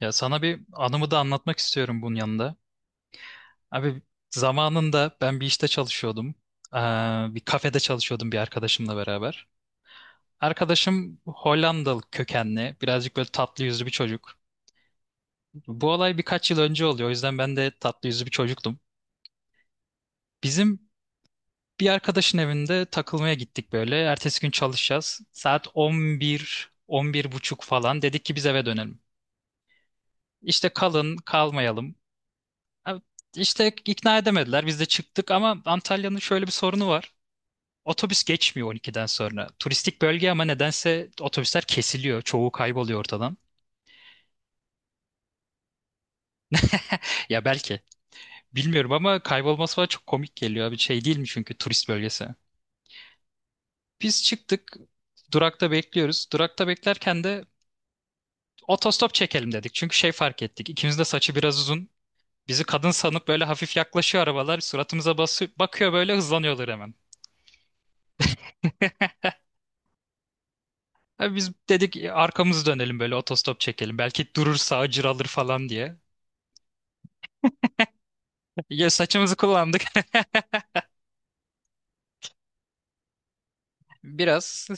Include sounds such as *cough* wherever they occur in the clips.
Ya sana bir anımı da anlatmak istiyorum bunun yanında. Abi zamanında ben bir işte çalışıyordum. Ee, bir kafede çalışıyordum bir arkadaşımla beraber. Arkadaşım Hollandalı kökenli, birazcık böyle tatlı yüzlü bir çocuk. Bu olay birkaç yıl önce oluyor. O yüzden ben de tatlı yüzlü bir çocuktum. Bizim bir arkadaşın evinde takılmaya gittik böyle. Ertesi gün çalışacağız. Saat 11, 11 buçuk falan. Dedik ki biz eve dönelim. İşte kalın, kalmayalım. Abi, İşte ikna edemediler. Biz de çıktık ama Antalya'nın şöyle bir sorunu var. Otobüs geçmiyor 12'den sonra. Turistik bölge ama nedense otobüsler kesiliyor. Çoğu kayboluyor ortadan. Ya belki. Bilmiyorum ama kaybolması falan çok komik geliyor abi. Şey değil mi, çünkü turist bölgesi. Biz çıktık. Durakta bekliyoruz. Durakta beklerken de otostop çekelim dedik. Çünkü şey fark ettik. İkimiz de saçı biraz uzun. Bizi kadın sanıp böyle hafif yaklaşıyor arabalar. Suratımıza basıyor, bakıyor, böyle hızlanıyorlar hemen. Abi biz dedik, "E, arkamızı dönelim böyle, otostop çekelim. Belki durur sağcı alır falan diye." *laughs* Ya saçımızı kullandık *laughs* biraz.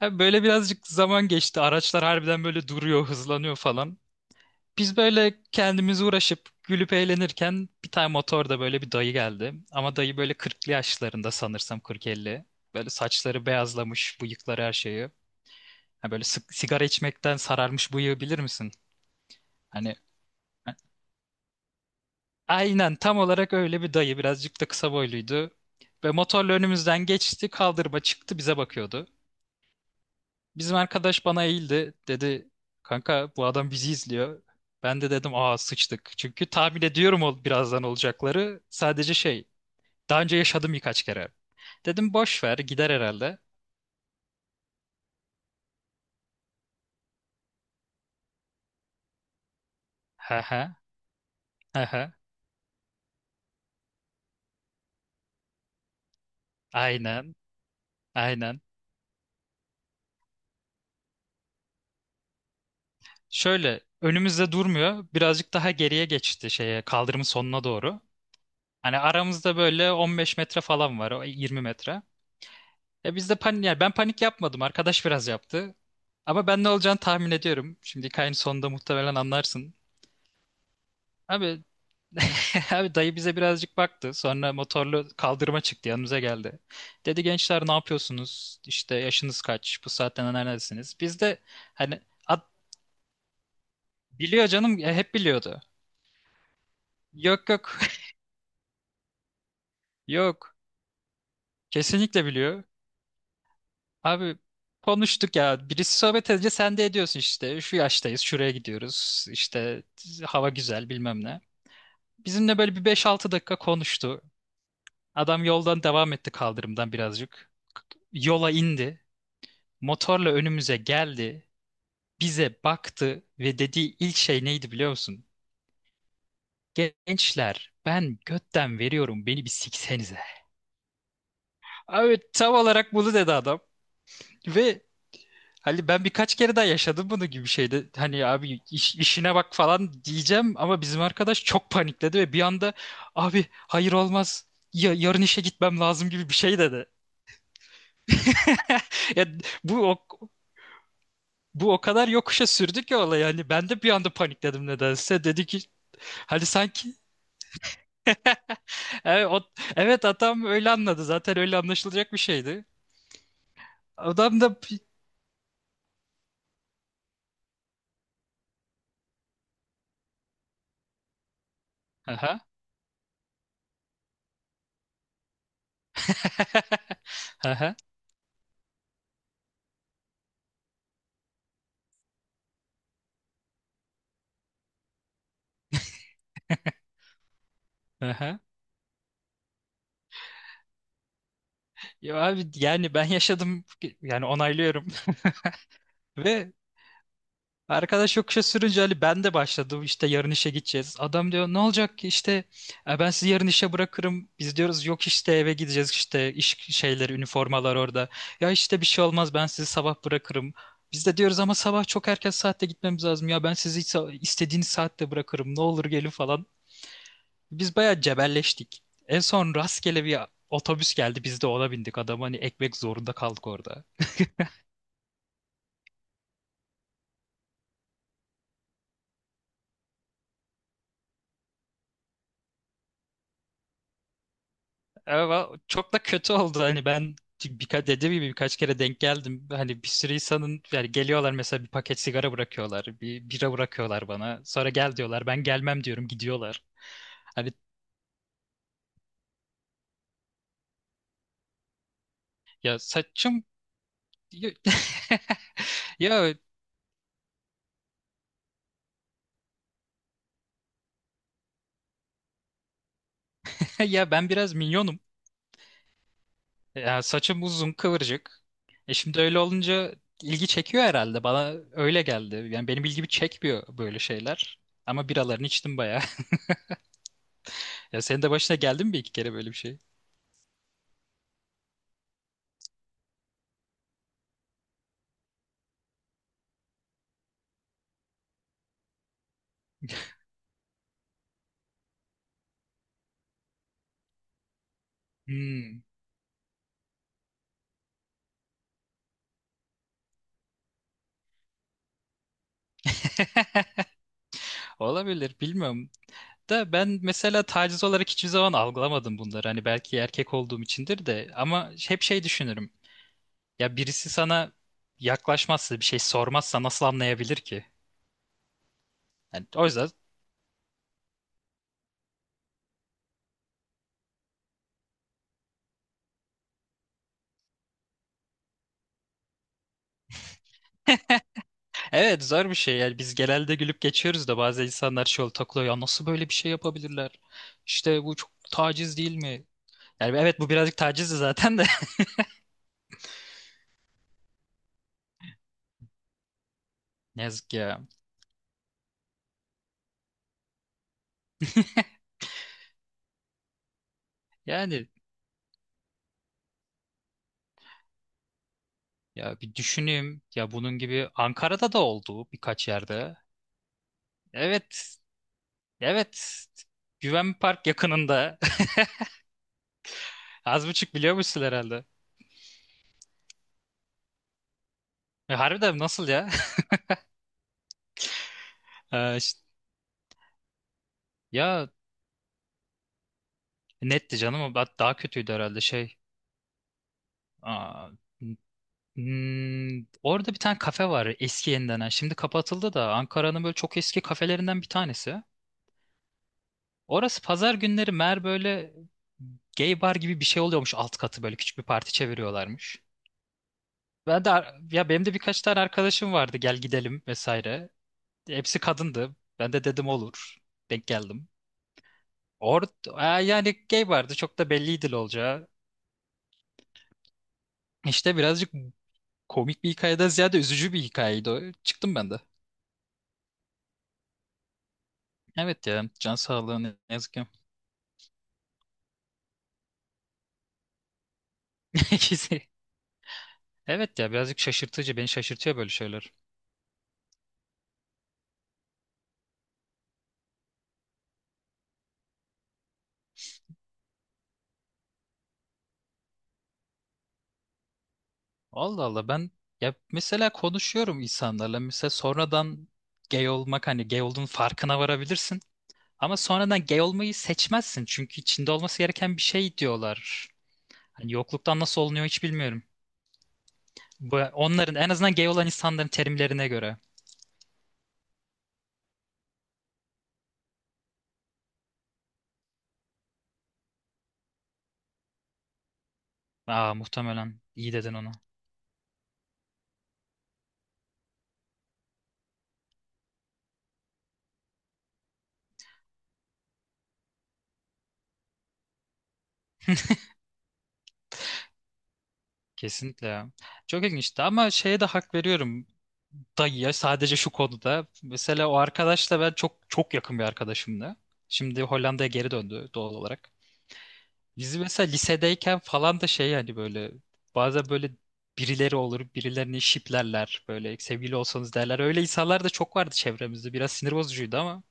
Abi böyle birazcık zaman geçti. Araçlar harbiden böyle duruyor, hızlanıyor falan. Biz böyle kendimizi uğraşıp gülüp eğlenirken bir tane motorda böyle bir dayı geldi. Ama dayı böyle kırklı yaşlarında sanırsam, 40-50. Böyle saçları beyazlamış, bıyıkları, her şeyi. Ha böyle sigara içmekten sararmış bıyığı, bilir misin? Hani, aynen tam olarak öyle bir dayı. Birazcık da kısa boyluydu. Ve motorla önümüzden geçti. Kaldırıma çıktı, bize bakıyordu. Bizim arkadaş bana eğildi. Dedi, kanka bu adam bizi izliyor. Ben de dedim, aa sıçtık. Çünkü tahmin ediyorum birazdan olacakları. Sadece şey, daha önce yaşadım birkaç kere. Dedim, boş ver, gider herhalde. He he, he he. Aynen, aynen. Şöyle önümüzde durmuyor. Birazcık daha geriye geçti şeye, kaldırımın sonuna doğru. Hani aramızda böyle 15 metre falan var, o 20 metre. E biz de panik, yani ben panik yapmadım, arkadaş biraz yaptı. Ama ben ne olacağını tahmin ediyorum. Şimdi hikayenin sonunda muhtemelen anlarsın. Abi, *laughs* abi dayı bize birazcık baktı. Sonra motorlu kaldırıma çıktı, yanımıza geldi. Dedi, gençler ne yapıyorsunuz? İşte yaşınız kaç? Bu saatten neredesiniz? Biz de hani, "At- biliyor canım, hep biliyordu. Yok, yok, *laughs* yok. Kesinlikle biliyor. Abi konuştuk ya. Birisi sohbet edince sen de ediyorsun işte. Şu yaştayız, şuraya gidiyoruz. İşte hava güzel, bilmem ne. Bizimle böyle bir beş altı dakika konuştu. Adam yoldan devam etti, kaldırımdan birazcık. Yola indi. Motorla önümüze geldi. Bize baktı ve dediği ilk şey neydi biliyor musun? Gençler, ben götten veriyorum, beni bir siksenize. Abi tam olarak bunu dedi adam. Ve hani ben birkaç kere daha yaşadım bunu gibi şeyde. Hani abi işine bak falan diyeceğim ama bizim arkadaş çok panikledi ve bir anda, abi hayır, olmaz. Ya, yarın işe gitmem lazım gibi bir şey dedi. *laughs* Ya bu o, bu o kadar yokuşa sürdü ki olay, yani ben de bir anda panikledim nedense. Dedi ki, hani sanki *laughs* evet, o, evet adam öyle anladı, zaten öyle anlaşılacak bir şeydi. Adam da aha. *laughs* Aha. Aha. Ya abi yani ben yaşadım, yani onaylıyorum. Ve arkadaş yokuşa sürünce Ali, ben de başladım işte yarın işe gideceğiz. Adam diyor, ne olacak ki işte, "E, ben sizi yarın işe bırakırım." Biz diyoruz, yok işte, eve gideceğiz, işte iş şeyleri, üniformalar orada. Ya işte bir şey olmaz, ben sizi sabah bırakırım. Biz de diyoruz, ama sabah çok erken saatte gitmemiz lazım. Ya ben sizi istediğiniz saatte bırakırım, ne olur gelin falan. Biz bayağı cebelleştik. En son rastgele bir otobüs geldi, biz de ona bindik. Adam hani, ekmek zorunda kaldık orada. Ama çok da kötü oldu hani. Ben birkaç, dediğim gibi birkaç kere denk geldim. Hani bir sürü insanın, yani geliyorlar mesela, bir paket sigara bırakıyorlar, bir bira bırakıyorlar bana. Sonra gel diyorlar. Ben gelmem diyorum, gidiyorlar. Hani ya saçım, ya *laughs* ya *laughs* ya ben biraz minyonum. Ya saçım uzun, kıvırcık. E şimdi öyle olunca ilgi çekiyor herhalde. Bana öyle geldi. Yani benim ilgimi çekmiyor böyle şeyler. Ama biralarını içtim bayağı. *laughs* Ya senin de başına geldi mi bir iki kere böyle bir şey? Hmm. *laughs* Olabilir, bilmiyorum. Da ben mesela taciz olarak hiçbir zaman algılamadım bunları. Hani belki erkek olduğum içindir de, ama hep şey düşünürüm. Ya birisi sana yaklaşmazsa, bir şey sormazsa nasıl anlayabilir ki? Yani o yüzden, evet, zor bir şey. Yani biz genelde gülüp geçiyoruz da, bazen insanlar şey oluyor, takılıyor. Ya nasıl böyle bir şey yapabilirler? İşte bu çok taciz değil mi? Yani evet, bu birazcık tacizdi zaten de. *laughs* Ne yazık ya. Yani ya, bir düşüneyim. Ya bunun gibi Ankara'da da oldu birkaç yerde. Evet. Evet. Güven Park yakınında. *laughs* Az buçuk biliyormuşsun herhalde. Harbiden nasıl ya? *laughs* E, ş- ya netti canım. Daha daha kötüydü herhalde şey. Aa, orada bir tane kafe var. Eski yeniden, ha. Şimdi kapatıldı da. Ankara'nın böyle çok eski kafelerinden bir tanesi. Orası pazar günleri meğer böyle gay bar gibi bir şey oluyormuş, alt katı böyle küçük bir parti çeviriyorlarmış. Ben de ya benim de birkaç tane arkadaşım vardı, gel gidelim vesaire. Hepsi kadındı. Ben de dedim olur. Denk geldim. Or Aa, yani gay vardı. Çok da belliydi ne olacağı. İşte birazcık komik bir hikayeden ziyade üzücü bir hikayeydi o. Çıktım ben de. Evet ya. Can sağlığı, ne yazık ki. *laughs* İkisi. Evet ya, birazcık şaşırtıcı. Beni şaşırtıyor böyle şeyler. Allah Allah, ben ya mesela konuşuyorum insanlarla. Mesela sonradan gay olmak, hani gay olduğunun farkına varabilirsin. Ama sonradan gay olmayı seçmezsin. Çünkü içinde olması gereken bir şey diyorlar. Hani yokluktan nasıl olunuyor hiç bilmiyorum. Bu onların, en azından gay olan insanların terimlerine göre. Aa, muhtemelen iyi dedin onu. Kesinlikle ya. Çok ilginçti ama şeye de hak veriyorum, dayıya, sadece şu konuda. Mesela o arkadaşla ben çok çok yakın bir arkadaşımdı. Şimdi Hollanda'ya geri döndü doğal olarak. Biz mesela lisedeyken falan da şey, yani böyle bazen böyle birileri olur, birilerini şiplerler böyle, sevgili olsanız derler. Öyle insanlar da çok vardı çevremizde, biraz sinir bozucuydu ama.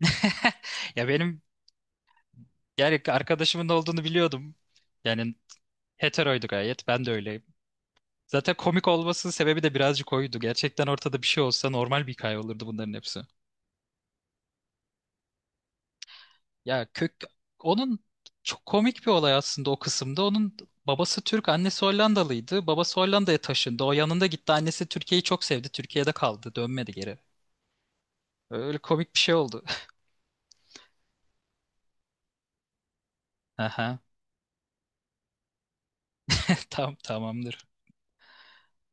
*laughs* Ya benim, yani arkadaşımın olduğunu biliyordum. Yani heteroydu gayet. Ben de öyleyim. Zaten komik olmasının sebebi de birazcık oydu. Gerçekten ortada bir şey olsa normal bir hikaye olurdu bunların hepsi. Ya kök, onun çok komik bir olay aslında o kısımda. Onun babası Türk, annesi Hollandalıydı. Babası Hollanda'ya taşındı. O yanında gitti. Annesi Türkiye'yi çok sevdi. Türkiye'de kaldı. Dönmedi geri. Öyle komik bir şey oldu. *laughs* Aha. Tam, tamamdır.